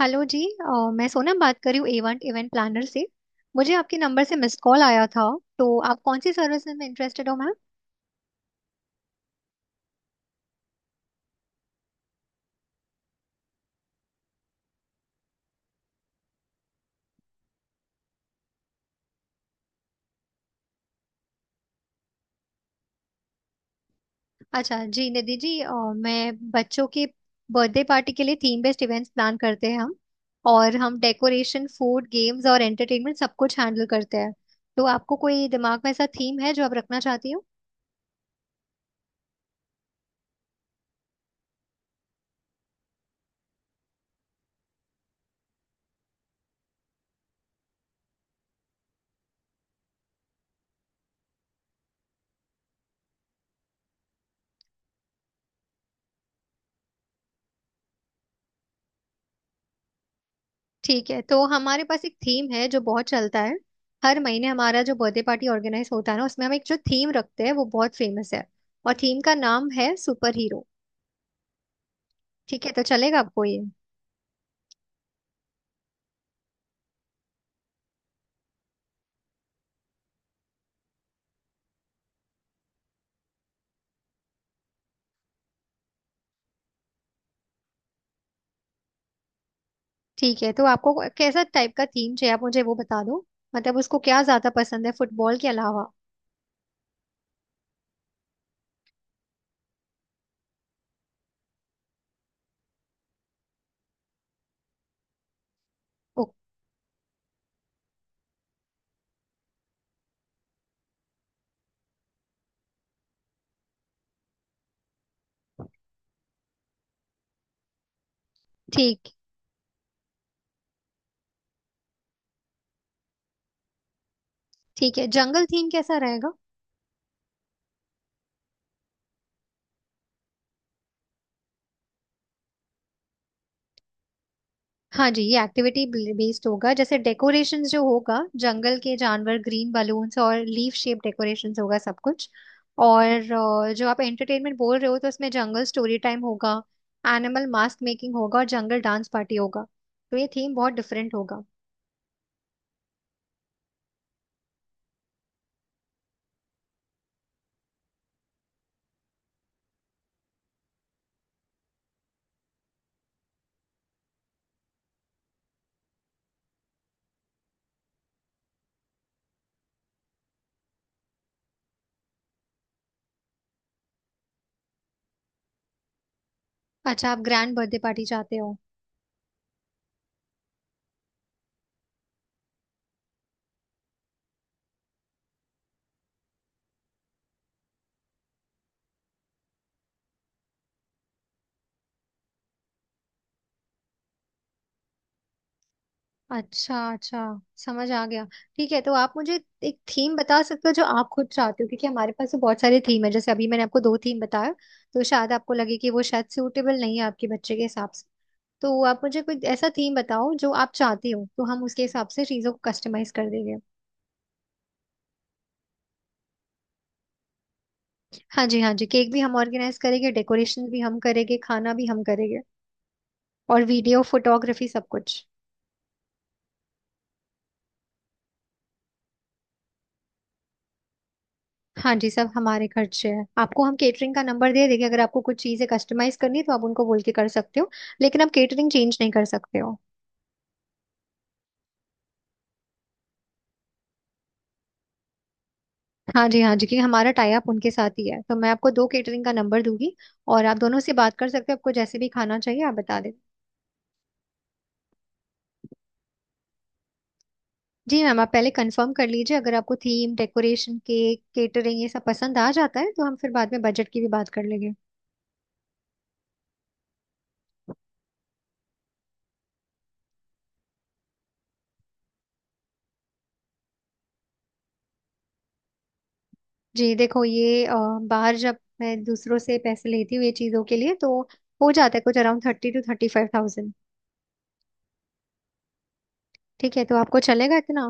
Hello जी मैं सोनम बात कर रही हूँ इवेंट इवेंट प्लानर से। मुझे आपके नंबर से मिस कॉल आया था। तो आप कौन सी सर्विस में इंटरेस्टेड हो मैम। अच्छा जी निधि जी, मैं बच्चों के बर्थडे पार्टी के लिए थीम बेस्ड इवेंट्स प्लान करते हैं हम। और हम डेकोरेशन, फूड, गेम्स और एंटरटेनमेंट सब कुछ हैंडल करते हैं। तो आपको कोई दिमाग में ऐसा थीम है जो आप रखना चाहती हो? ठीक है, तो हमारे पास एक थीम है जो बहुत चलता है। हर महीने हमारा जो बर्थडे पार्टी ऑर्गेनाइज होता है ना, उसमें हम एक जो थीम रखते हैं वो बहुत फेमस है। और थीम का नाम है सुपर हीरो। ठीक है, तो चलेगा आपको ये? ठीक है, तो आपको कैसा टाइप का थीम चाहिए आप मुझे वो बता दो। मतलब उसको क्या ज्यादा पसंद है फुटबॉल के अलावा? ओ, ठीक। ठीक है, जंगल थीम कैसा रहेगा? हाँ जी, ये एक्टिविटी बेस्ड होगा। जैसे डेकोरेशंस जो होगा, जंगल के जानवर, ग्रीन बलून्स और लीफ शेप डेकोरेशंस होगा सब कुछ। और जो आप एंटरटेनमेंट बोल रहे हो तो उसमें जंगल स्टोरी टाइम होगा, एनिमल मास्क मेकिंग होगा और जंगल डांस पार्टी होगा। तो ये थीम बहुत डिफरेंट होगा। अच्छा, आप ग्रैंड बर्थडे पार्टी चाहते हो? अच्छा, अच्छा, समझ आ गया। ठीक है, तो आप मुझे एक थीम बता सकते हो जो आप खुद चाहते हो, क्योंकि हमारे पास तो बहुत सारे थीम है। जैसे अभी मैंने आपको दो थीम बताया तो शायद आपको लगे कि वो शायद सूटेबल नहीं है आपके बच्चे के हिसाब से। तो आप मुझे कोई ऐसा थीम बताओ जो आप चाहते हो, तो हम उसके हिसाब से चीज़ों को कस्टमाइज कर देंगे। हाँ जी, हाँ जी, केक भी हम ऑर्गेनाइज करेंगे, डेकोरेशन भी हम करेंगे, खाना भी हम करेंगे। और वीडियो फोटोग्राफी सब कुछ। हाँ जी, सब हमारे खर्चे हैं। आपको हम केटरिंग का नंबर दे देंगे, अगर आपको कुछ चीजें कस्टमाइज करनी है तो आप उनको बोल के कर सकते हो। लेकिन आप केटरिंग चेंज नहीं कर सकते हो। हाँ जी, हाँ जी, क्योंकि हमारा टाई अप उनके साथ ही है, तो मैं आपको दो केटरिंग का नंबर दूंगी। और आप दोनों से बात कर सकते हो, आपको जैसे भी खाना चाहिए आप बता दें। जी मैम, आप पहले कंफर्म कर लीजिए। अगर आपको थीम, डेकोरेशन, केक, केटरिंग ये सब पसंद आ जाता है तो हम फिर बाद में बजट की भी बात कर लेंगे। जी देखो ये बाहर जब मैं दूसरों से पैसे लेती हूँ ये चीज़ों के लिए, तो हो जाता है कुछ around thirty two thirty five thousand. ठीक है, तो आपको चलेगा इतना?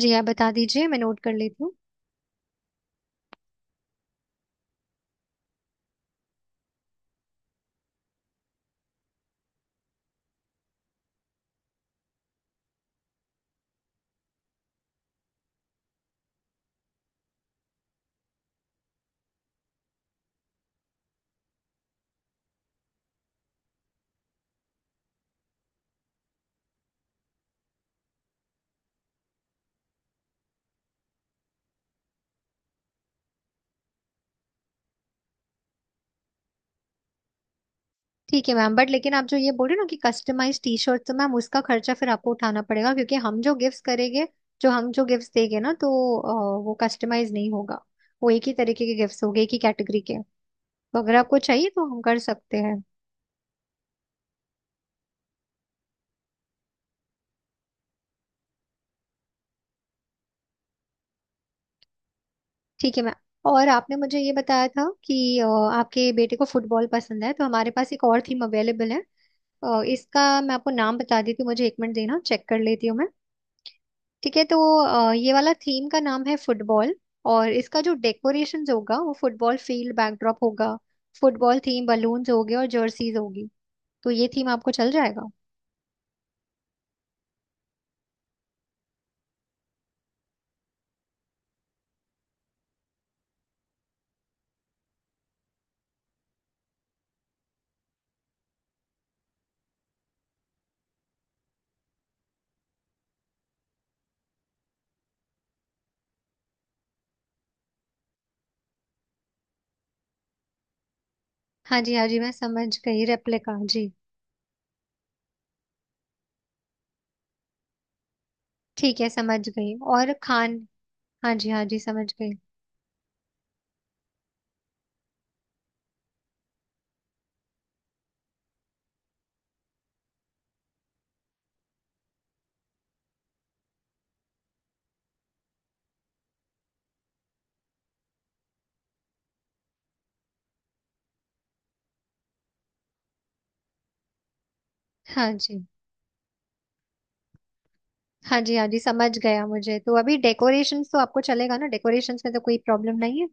जी, आप बता दीजिए मैं नोट कर लेती हूँ। ठीक है मैम, बट लेकिन आप जो ये बोल रहे हो ना कि कस्टमाइज टी शर्ट, तो मैम उसका खर्चा फिर आपको उठाना पड़ेगा। क्योंकि हम जो गिफ्ट करेंगे, जो हम जो गिफ्ट देंगे ना तो वो कस्टमाइज नहीं होगा। वो एक ही तरीके के गिफ्ट होंगे, एक ही कैटेगरी के। तो अगर आपको चाहिए तो हम कर सकते हैं। ठीक है मैम। और आपने मुझे ये बताया था कि आपके बेटे को फुटबॉल पसंद है, तो हमारे पास एक और थीम अवेलेबल है। इसका मैं आपको नाम बता देती हूँ, मुझे एक मिनट देना चेक कर लेती हूँ मैं। ठीक है, तो ये वाला थीम का नाम है फुटबॉल। और इसका जो डेकोरेशन होगा वो फुटबॉल फील्ड बैकड्रॉप होगा, फुटबॉल थीम बलून्स होंगे और जर्सीज होगी। तो ये थीम आपको चल जाएगा। हाँ जी, हाँ जी, मैं समझ गई, रेप्लिका जी। ठीक है, समझ गई। और खान? हाँ जी, हाँ जी, समझ गई। हाँ जी, हाँ जी, हाँ जी, समझ गया। मुझे तो अभी डेकोरेशंस तो आपको चलेगा ना, डेकोरेशंस में तो कोई प्रॉब्लम नहीं है?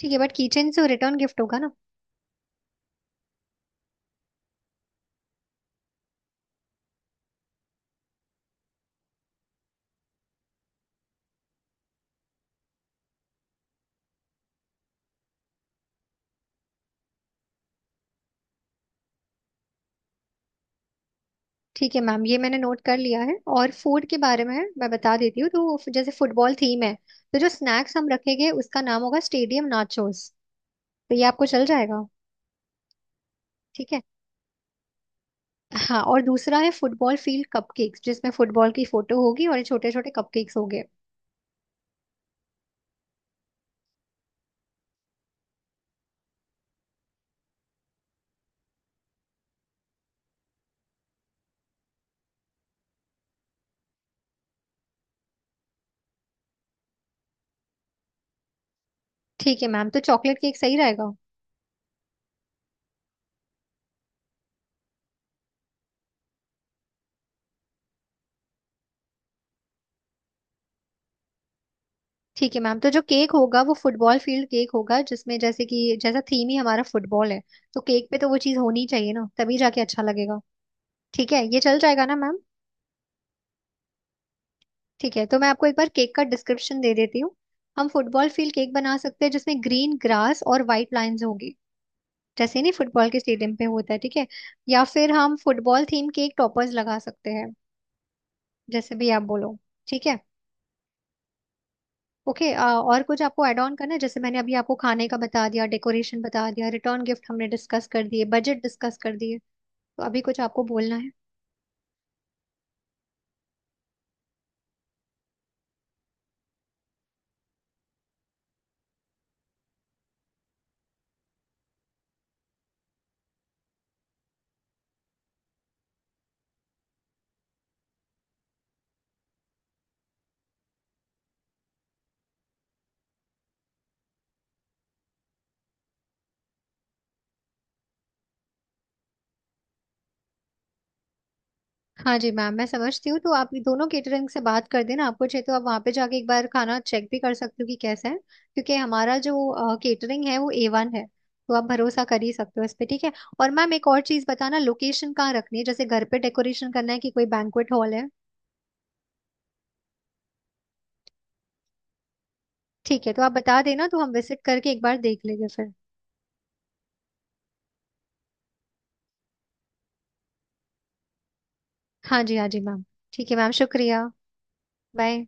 ठीक है, बट किचन से रिटर्न गिफ्ट होगा ना। ठीक है मैम, ये मैंने नोट कर लिया है। और फूड के बारे में मैं बता देती हूँ, तो जैसे फुटबॉल थीम है, तो जो स्नैक्स हम रखेंगे उसका नाम होगा स्टेडियम नाचोस। तो ये आपको चल जाएगा? ठीक है। हाँ, और दूसरा है फुटबॉल फील्ड कपकेक्स, जिसमें फुटबॉल की फोटो होगी और छोटे छोटे कपकेक्स होंगे। ठीक है मैम, तो चॉकलेट केक सही रहेगा। ठीक है मैम, तो जो केक होगा वो फुटबॉल फील्ड केक होगा। जिसमें जैसे कि जैसा थीम ही हमारा फुटबॉल है, तो केक पे तो वो चीज़ होनी चाहिए ना, तभी जाके अच्छा लगेगा। ठीक है, ये चल जाएगा ना मैम? ठीक है, तो मैं आपको एक बार केक का डिस्क्रिप्शन दे देती हूँ। हम फुटबॉल फील्ड केक बना सकते हैं जिसमें ग्रीन ग्रास और वाइट लाइंस होगी, जैसे नहीं फुटबॉल के स्टेडियम पे होता है, ठीक है? या फिर हम फुटबॉल थीम के एक टॉपर्स लगा सकते हैं, जैसे भी आप बोलो। ठीक है। ओके, और कुछ आपको ऐड ऑन करना है? जैसे मैंने अभी आपको खाने का बता दिया, डेकोरेशन बता दिया, रिटर्न गिफ्ट हमने डिस्कस कर दिए, बजट डिस्कस कर दिए। तो अभी कुछ आपको बोलना है? हाँ जी मैम, मैं समझती हूँ। तो आप ये दोनों केटरिंग से बात कर देना, आपको चाहिए तो आप वहाँ पे जाके एक बार खाना चेक भी कर सकते हो कि कैसा है। क्योंकि हमारा जो केटरिंग है वो A1 है, तो आप भरोसा कर ही सकते हो इस पे, ठीक है? और मैम एक और चीज़ बताना, लोकेशन कहाँ रखनी है? जैसे घर पे डेकोरेशन करना है कि कोई बैंक्वेट हॉल है? ठीक है, तो आप बता देना, तो हम विजिट करके एक बार देख लेंगे फिर। हाँ जी, हाँ जी मैम। ठीक है मैम, शुक्रिया। बाय।